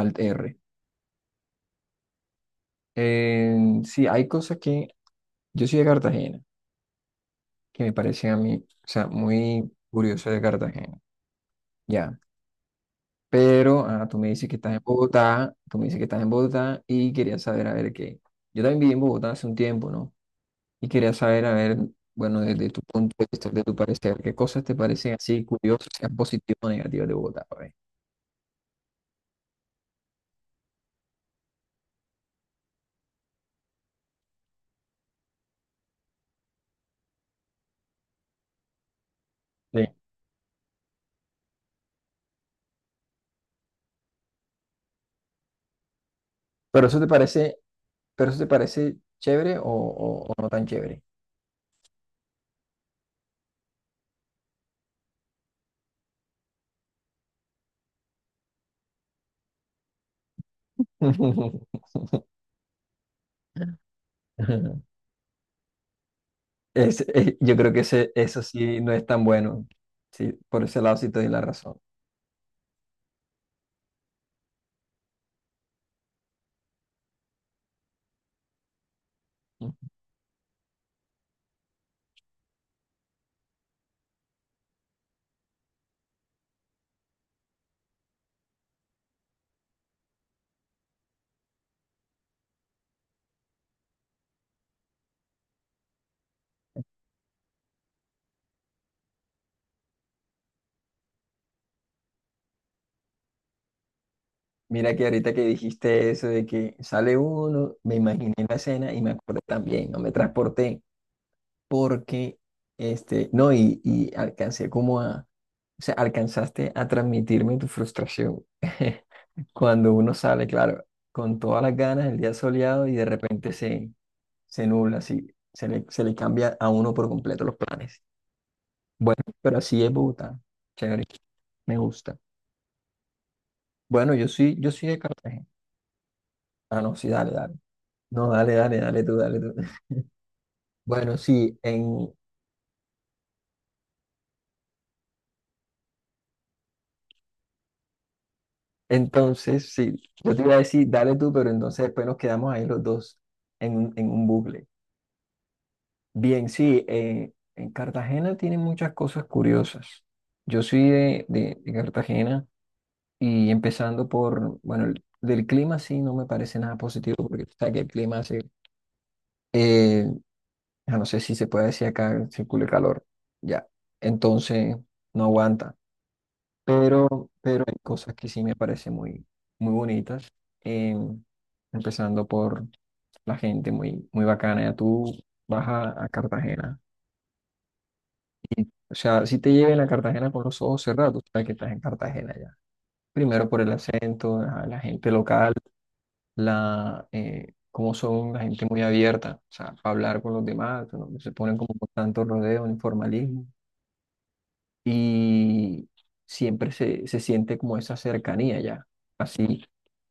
Alt R. Sí, hay cosas que yo soy de Cartagena, que me parecen a mí, o sea, muy curioso de Cartagena, ya. Pero tú me dices que estás en Bogotá, tú me dices que estás en Bogotá y quería saber, a ver qué. Yo también viví en Bogotá hace un tiempo, ¿no? Y quería saber, a ver, bueno, desde tu punto de vista, de tu parecer, qué cosas te parecen así curiosas, sean positivas o negativas de Bogotá, a ver. Sí. Pero eso te parece, pero eso te parece chévere o no tan chévere. Yo creo que eso sí no es tan bueno. Sí, por ese lado sí te doy la razón. Ujú. Mira que ahorita que dijiste eso de que sale uno, me imaginé la escena y me acordé también, no me transporté porque, no, y alcancé como a, o sea, alcanzaste a transmitirme tu frustración. Cuando uno sale, claro, con todas las ganas, el día soleado y de repente se nubla, así, se le cambia a uno por completo los planes. Bueno, pero así es Bogotá. Chévere, me gusta. Bueno, yo soy de Cartagena. Ah, no, sí, dale, dale. No, dale, dale, dale tú, dale tú. Bueno, sí, entonces, sí, yo te iba a decir, dale tú, pero entonces después nos quedamos ahí los dos en un bucle. Bien, sí, en Cartagena tienen muchas cosas curiosas. Yo soy de Cartagena y empezando por, bueno, del clima sí no me parece nada positivo porque tú sabes que el clima hace. eh, Ah, no sé si se puede decir acá, circula el calor, ya. Entonces, no aguanta. Pero hay cosas que sí me parecen muy, muy bonitas. eh, Empezando por la gente muy, muy bacana. Ya tú vas a Cartagena. O sea, si te llegan a Cartagena con los ojos cerrados, tú sabes que estás en Cartagena ya. Primero por el acento, ajá, la gente local, cómo son la gente muy abierta, o sea, para hablar con los demás, ¿no? Se ponen como con tanto rodeo, informalismo y siempre se siente como esa cercanía ya, así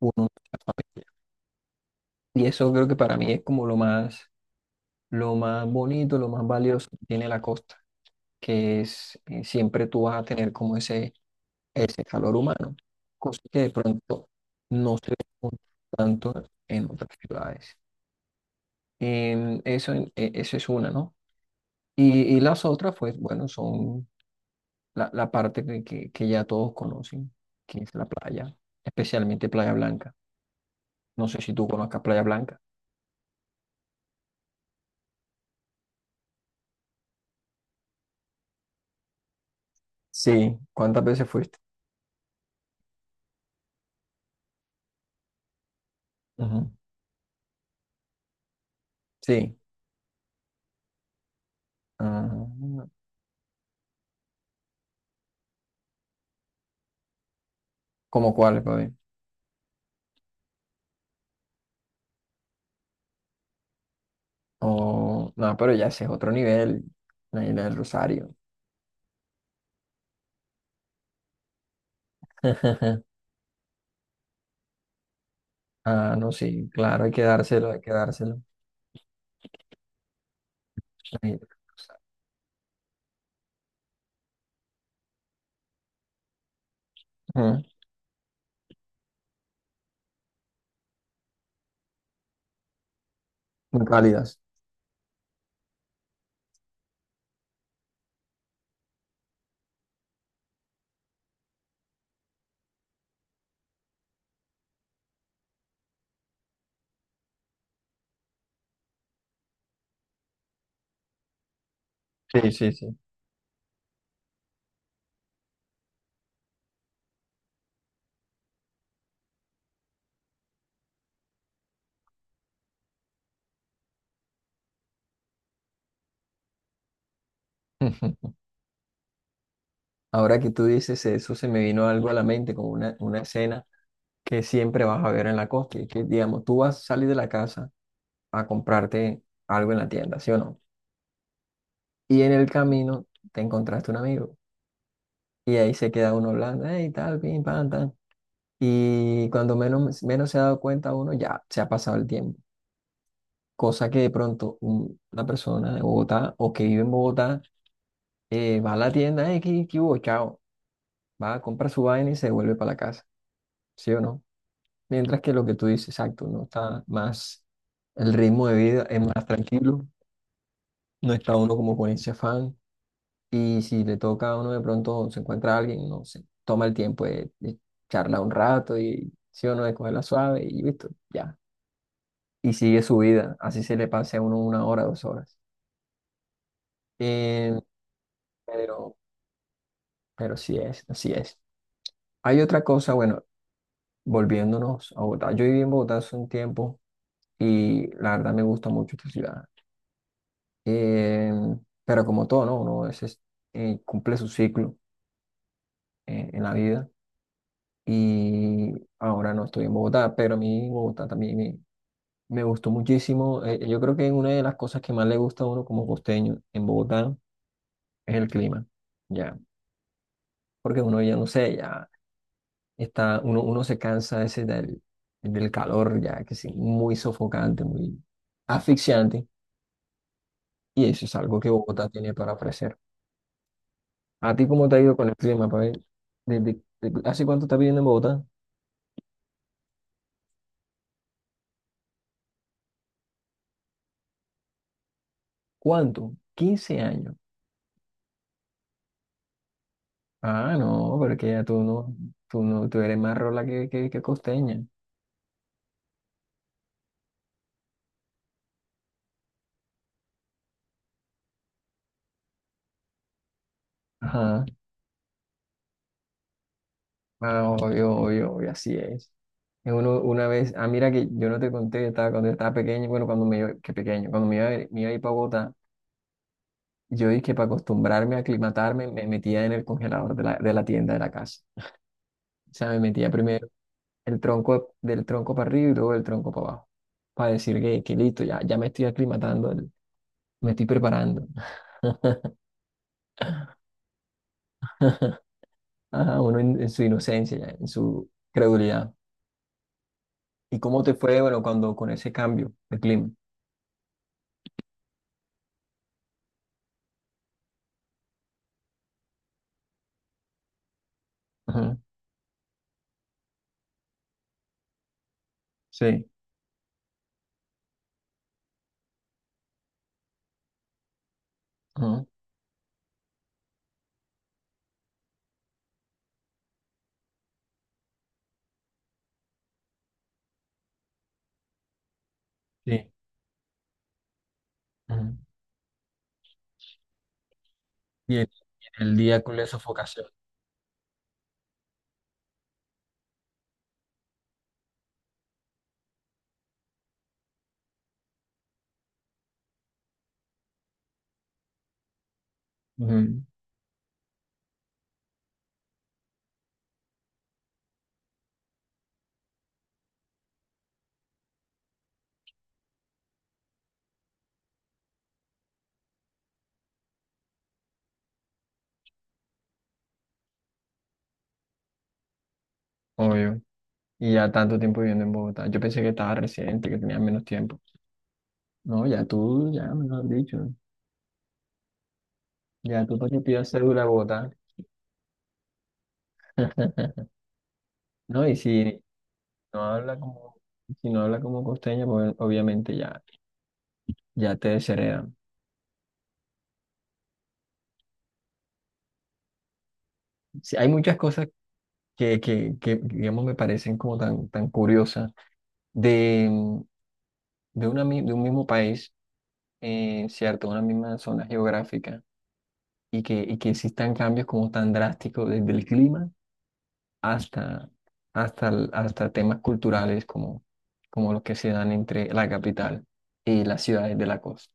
uno de la familia. Y eso creo que para mí es como lo más bonito, lo más valioso que tiene la costa, que es siempre tú vas a tener como ese calor humano, cosa que de pronto no se ve tanto en otras ciudades. Eso es una, ¿no? Y las otras, pues bueno, son la parte que ya todos conocen, que es la playa, especialmente Playa Blanca. No sé si tú conozcas Playa Blanca. Sí, ¿cuántas veces fuiste? Ujú. Sí. Como. ¿Cómo cuál, papi? No, pero ya ese es otro nivel, la isla del Rosario. Ah, no, sí, claro, hay que dárselo, hay que dárselo. La isla del Rosario. Ujú. Muy cálidas. Sí, sí, sí. Ahora que tú dices eso, se me vino algo a la mente, como una escena que siempre vas a ver en la costa. Y que, digamos, tú vas a salir de la casa a comprarte algo en la tienda, ¿sí o no? Y en el camino te encontraste un amigo. Y ahí se queda uno hablando, hey, tal, pim, pam, tal. Y cuando menos se ha dado cuenta uno, ya se ha pasado el tiempo. Cosa que de pronto una persona de Bogotá o que vive en Bogotá va a la tienda, hey, qué hubo? Chao. Va a comprar su vaina y se vuelve para la casa, ¿sí o no? Mientras que lo que tú dices, exacto, uno está más, el ritmo de vida es más tranquilo, no está uno como con ese afán, y si le toca a uno de pronto se encuentra alguien, no se toma el tiempo de charlar un rato y si uno de cogerla suave y listo, ya. Y sigue su vida, así se le pase a uno una hora, 2 horas. Eh, pero, pero sí es, así es. Hay otra cosa, bueno, volviéndonos a Bogotá. Yo viví en Bogotá hace un tiempo y la verdad me gusta mucho esta ciudad. Eh, pero como todo, ¿no? Uno a veces cumple su ciclo en la vida, y ahora no estoy en Bogotá, pero a mí Bogotá también me gustó muchísimo. Yo creo que una de las cosas que más le gusta a uno como costeño en Bogotá es el clima, ya, porque uno ya no sé, ya está, uno se cansa ese del calor, ya que es muy sofocante, muy asfixiante, y eso es algo que Bogotá tiene para ofrecer. ¿A ti cómo te ha ido con el clima, Pavel? ¿hace cuánto estás viviendo en Bogotá? ¿Cuánto? 15 años. Ah, no, porque ya tú no, tú no, tú eres más rola que costeña. Ajá. Ah, obvio, obvio, obvio, así es. Y una vez, mira que yo no te conté, cuando estaba pequeño, bueno, cuando me iba, me iba a ir para Bogotá, yo dije que para acostumbrarme a aclimatarme, me metía en el congelador de de la tienda de la casa. O sea, me metía primero el tronco del tronco para arriba y luego el tronco para abajo, para decir que listo, ya, ya me estoy aclimatando, me estoy preparando. Ajá, uno en su inocencia, ya, en su credulidad. ¿Y cómo te fue, bueno, cuando con ese cambio de clima? Ajá, sí, ajá, sí, ajá. Y el, y el día con la sofocación. Ajá, obvio. Y ya tanto tiempo viviendo en Bogotá. Yo pensé que estaba residente, que tenía menos tiempo. No, ya tú, ya me lo has dicho. Ya tú para que pidas cédula de Bogotá. No, y no habla como, si no habla como costeña, pues obviamente ya, ya te desheredan. Sí, hay muchas cosas que, digamos, me parecen como tan, tan curiosas. de de de un mismo país, ¿cierto? Una misma zona geográfica y y que existan cambios como tan drásticos desde el clima hasta, hasta temas culturales como los que se dan entre la capital y las ciudades de la costa.